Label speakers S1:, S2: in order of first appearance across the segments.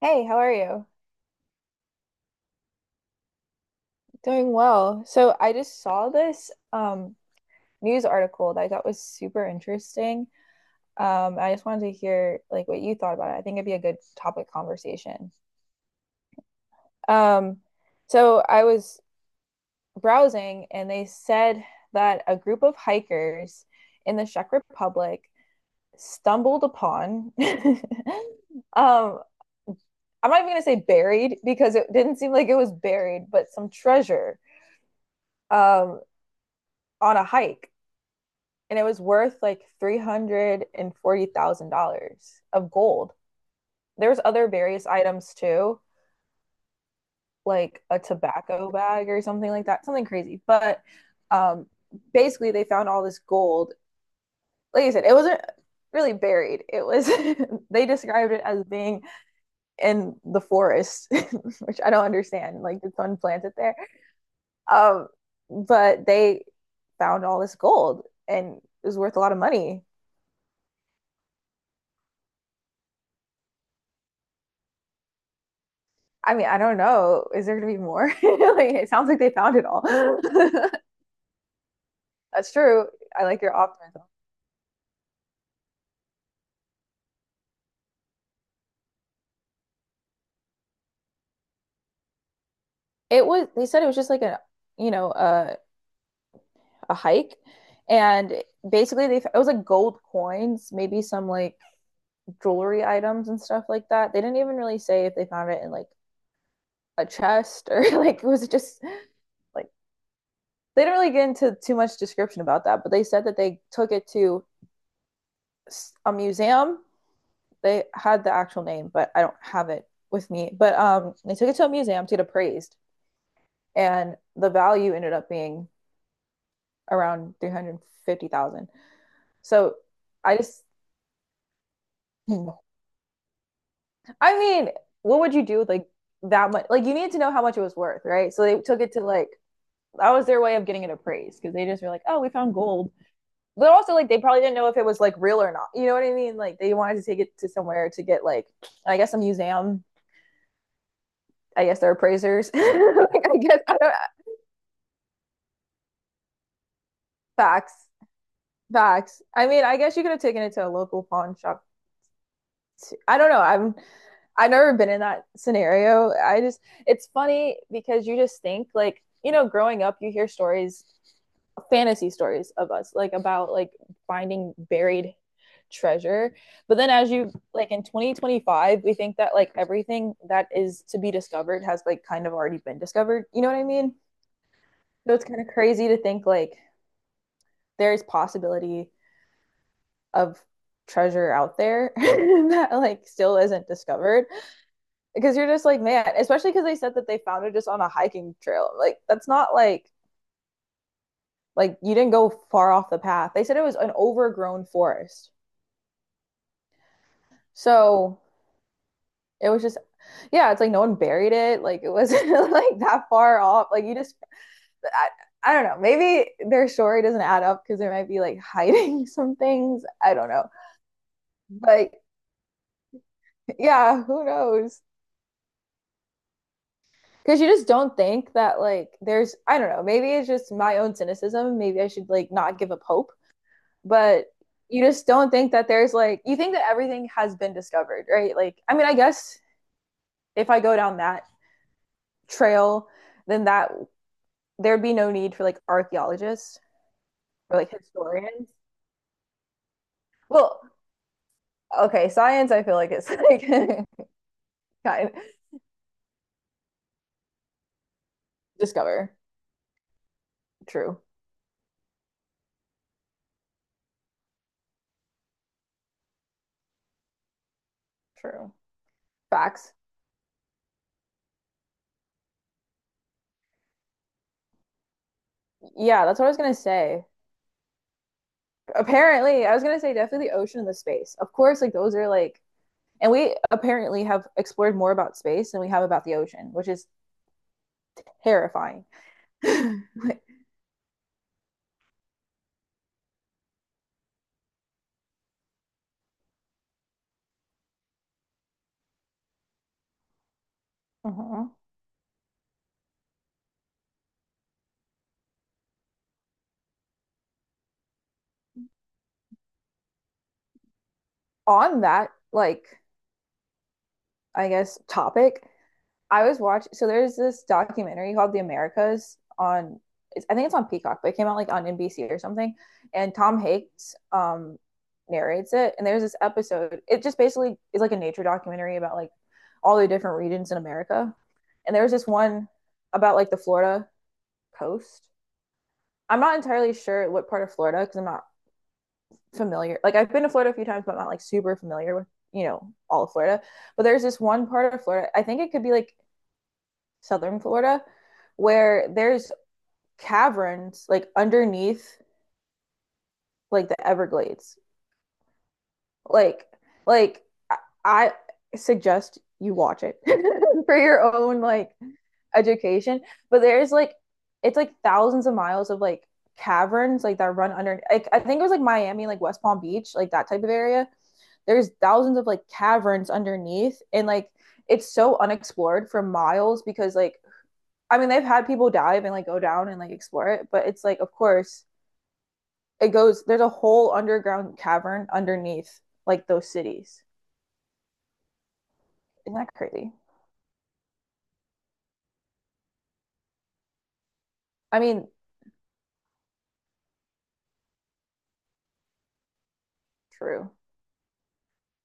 S1: Hey, how are you? Doing well. So I just saw this news article that I thought was super interesting. I just wanted to hear like what you thought about it. I think it'd be a good topic conversation. Um, so I was browsing and they said that a group of hikers in the Czech Republic stumbled upon um I'm not even gonna say buried because it didn't seem like it was buried, but some treasure um on a hike. And it was worth like $340,000 of gold. There was other various items too, like a tobacco bag or something like that, something crazy. But um, basically, they found all this gold. Like I said, it wasn't really buried. It was, they described it as being in the forest, which I don't understand. Like, did someone plant it there? Um, but they found all this gold and it was worth a lot of money. I mean, I don't know. Is there gonna be more? Like it sounds like they found it all. That's true. I like your optimism. It was they said it was just like a you know a hike, and basically they it was like gold coins, maybe some like jewelry items and stuff like that. They didn't even really say if they found it in like a chest or like was it just like they didn't really get into too much description about that, but they said that they took it to a museum. They had the actual name, but I don't have it with me. But they took it to a museum to get appraised, and the value ended up being around 350,000 dollars. So I just, I mean, what would you do with like that much? Like you need to know how much it was worth, right? So they took it to like that was their way of getting it appraised because they just were like, oh, we found gold. But also, like, they probably didn't know if it was like real or not. What I mean? Like, they wanted to take it to somewhere to get like, I guess, a museum. I guess they're appraisers. like, I guess I don't. Facts. Facts. I mean, I guess you could have taken it to a local pawn shop too. I don't know. I'm I've never been in that scenario. I just it's funny because you just think like, growing up you hear stories, fantasy stories of us, like about like finding buried treasure. But then as you like in 2025, we think that like everything that is to be discovered has like kind of already been discovered. What I mean? So it's kind of crazy to think like there's possibility of treasure out there that like still isn't discovered because you're just like man, especially because they said that they found it just on a hiking trail. Like that's not like like you didn't go far off the path. They said it was an overgrown forest, so it was just yeah, it's like no one buried it. Like it wasn't like that far off. Like you just I, I don't know, maybe their story doesn't add up because they might be like hiding some things, I don't know. But yeah, who knows, because you just don't think that like there's I don't know, maybe it's just my own cynicism, maybe I should like not give up hope. But you just don't think that there's like you think that everything has been discovered, right? Like I mean, I guess if I go down that trail then that there'd be no need for like archaeologists or like historians. Well, okay, science I feel like it's like kind of discover. True. True. Facts. Yeah, that's what I was gonna say. Apparently, I was gonna say definitely the ocean and the space. Of course, like those are like, and we apparently have explored more about space than we have about the ocean, which is terrifying. Like, mhm. On that, like, I guess topic, I was watching. So there's this documentary called The Americas on. It's, I think it's on Peacock, but it came out like on NBC or something. And Tom Hanks narrates it. And there's this episode. It just basically is like a nature documentary about like all the different regions in America. And there was this one about like the Florida coast. I'm not entirely sure what part of Florida because I'm not familiar. Like I've been to Florida a few times, but I'm not like super familiar with all of Florida. But there's this one part of Florida. I think it could be like southern Florida, where there's caverns like underneath like the Everglades. Like like I suggest you watch it for your own like education. But there's like it's like thousands of miles of like caverns like that run under like I think it was like Miami, like West Palm Beach, like that type of area. There's thousands of like caverns underneath and like it's so unexplored for miles because like I mean, they've had people dive and like go down and like explore it, but it's like, of course, it goes, there's a whole underground cavern underneath like those cities. Isn't that crazy? I mean, true.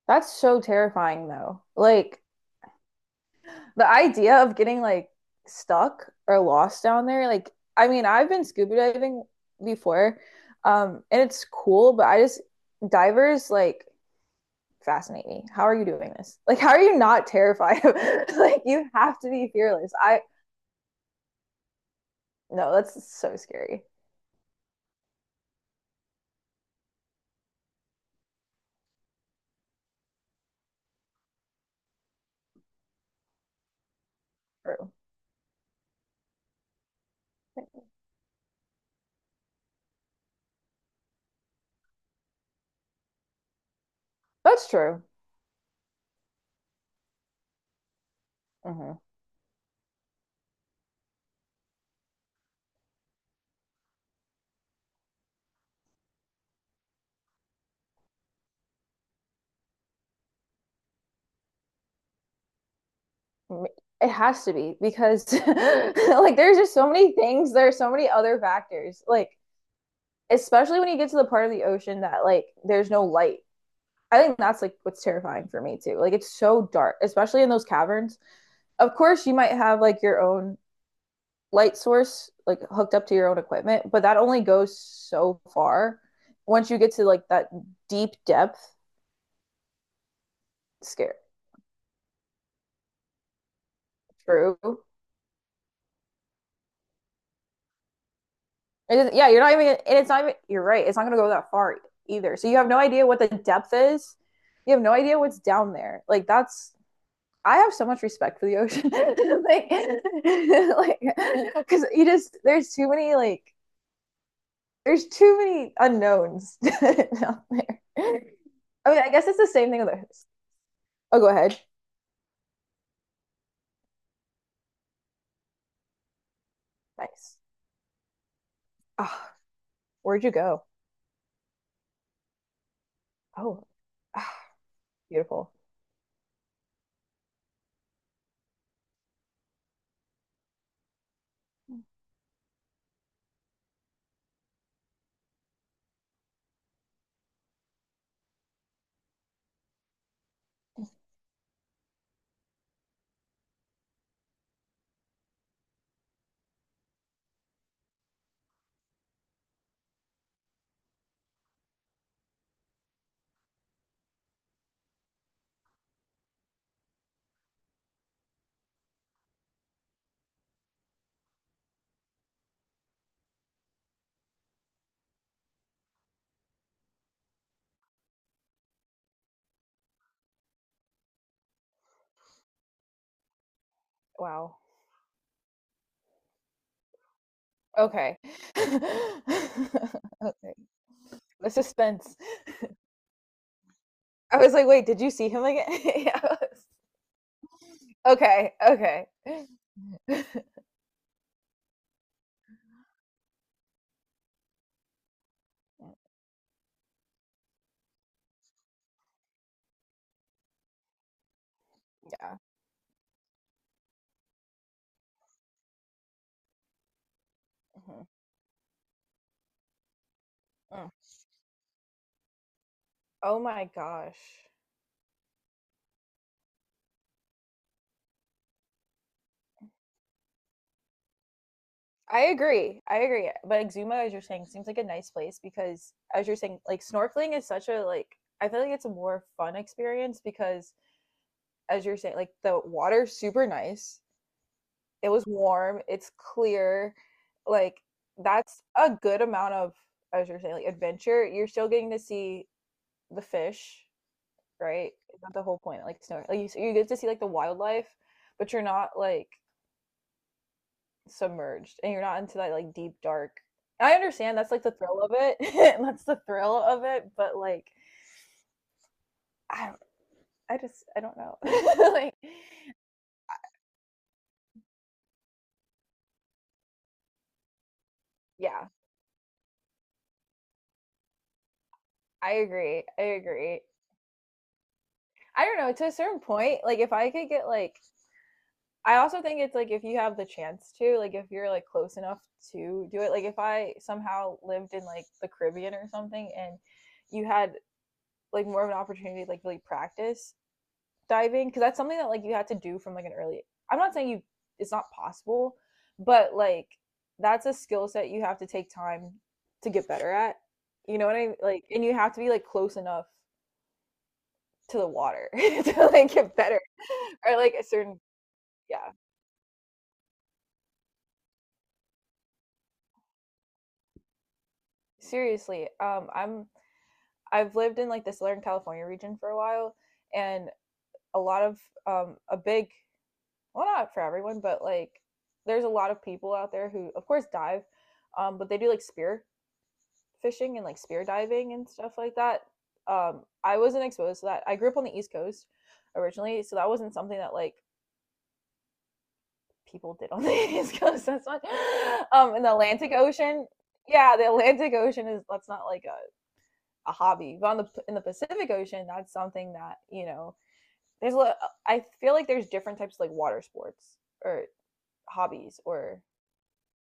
S1: That's so terrifying though. Like the idea of getting like stuck or lost down there, like, I mean, I've been scuba diving before, and it's cool, but I just, divers like fascinate me. How are you doing this? Like, how are you not terrified? like, you have to be fearless. I, no, that's so scary. True. That's true. Hmm. It has to be because like there's just so many things. There are so many other factors. Like especially when you get to the part of the ocean that like there's no light. I think that's like what's terrifying for me too. Like it's so dark, especially in those caverns. Of course, you might have like your own light source like hooked up to your own equipment, but that only goes so far. Once you get to like that deep depth, scary. True. It is, yeah, you're not even, and it's not even, you're right. It's not going to go that far either. So you have no idea what the depth is. You have no idea what's down there. Like, that's, I have so much respect for the ocean. like, like, because you just, there's too many, like, there's too many unknowns down there. I mean, I guess it's the same thing with this. Oh, go ahead. Nice. Oh, where'd you go? Oh, ah, beautiful. Wow. Okay. Okay. The suspense. I was like, "Wait, did you see him again?" Yeah. I was- okay. Okay. Yeah. Mhm, mm. Oh my gosh. I agree. I agree. But Exuma, as you're saying, seems like a nice place because, as you're saying, like snorkeling is such a like. I feel like it's a more fun experience because, as you're saying, like the water's super nice. It was warm. It's clear. Like that's a good amount of, as you're saying, like adventure. You're still getting to see the fish, right? That's the whole point. Like snorkel, like you get to see like the wildlife, but you're not like submerged, and you're not into that like deep dark. I understand that's like the thrill of it. that's the thrill of it, but like I don't, I just I don't know. like yeah, I agree. I agree. I don't know, to a certain point, like if I could get like I also think it's like if you have the chance to, like if you're like close enough to do it, like if I somehow lived in like the Caribbean or something and you had like more of an opportunity to like really practice diving, because that's something that like you had to do from like an early I'm not saying you it's not possible, but like that's a skill set you have to take time to get better at. What I mean? Like and you have to be like close enough to the water to like get better or like a certain yeah, seriously, I'm I've lived in like the Southern California region for a while, and a lot of a big well, not for everyone, but like there's a lot of people out there who, of course, dive, but they do like spear fishing and like spear diving and stuff like that. I wasn't exposed to that. I grew up on the East Coast originally, so that wasn't something that like people did on the East Coast. That's not in the Atlantic Ocean. Yeah, the Atlantic Ocean is that's not like a hobby, but on the in the Pacific Ocean, that's something that there's a lot, I feel like there's different types of like water sports or hobbies or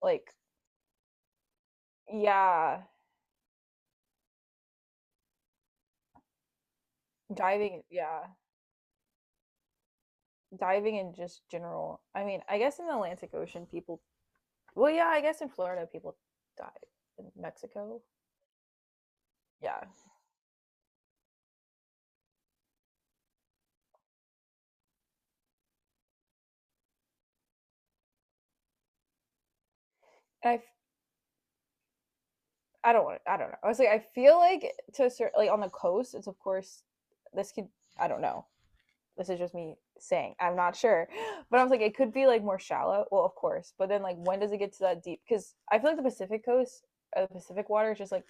S1: like yeah, yeah, diving in just general. I mean, I guess in the Atlantic Ocean people well, yeah, I guess in Florida people dive. In Mexico, yeah. And I don't want. To, I don't know. I was like, I feel like to a certain, like on the coast, it's of course this could. I don't know. This is just me saying I'm not sure, but I was like it could be like more shallow well of course, but then like when does it get to that deep because I feel like the Pacific coast the Pacific water is just like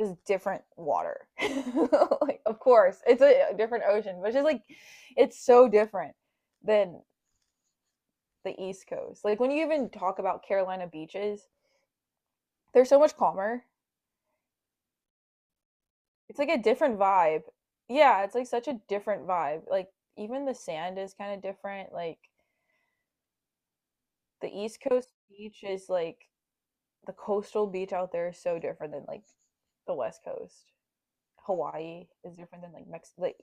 S1: just different water like of course it's a, different ocean, but it's just like it's so different than the East Coast. Like when you even talk about Carolina beaches, they're so much calmer. It's like a different vibe. Yeah, it's like such a different vibe. Like even the sand is kind of different. Like the East Coast beach is like the coastal beach out there is so different than like the West Coast. Hawaii is different than like Mexico. Like,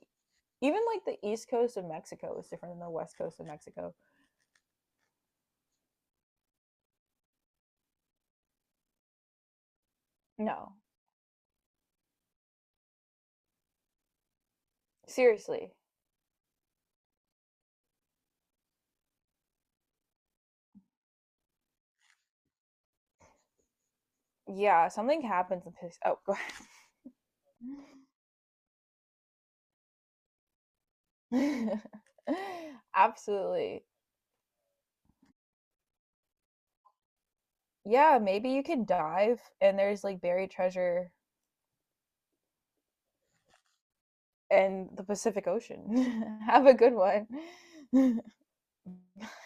S1: even like the East Coast of Mexico is different than the West Coast of Mexico. No, seriously. Yeah, something happens in this. Oh, go ahead. Absolutely. Yeah, maybe you could dive and there's like buried treasure in the Pacific Ocean. Have a good one.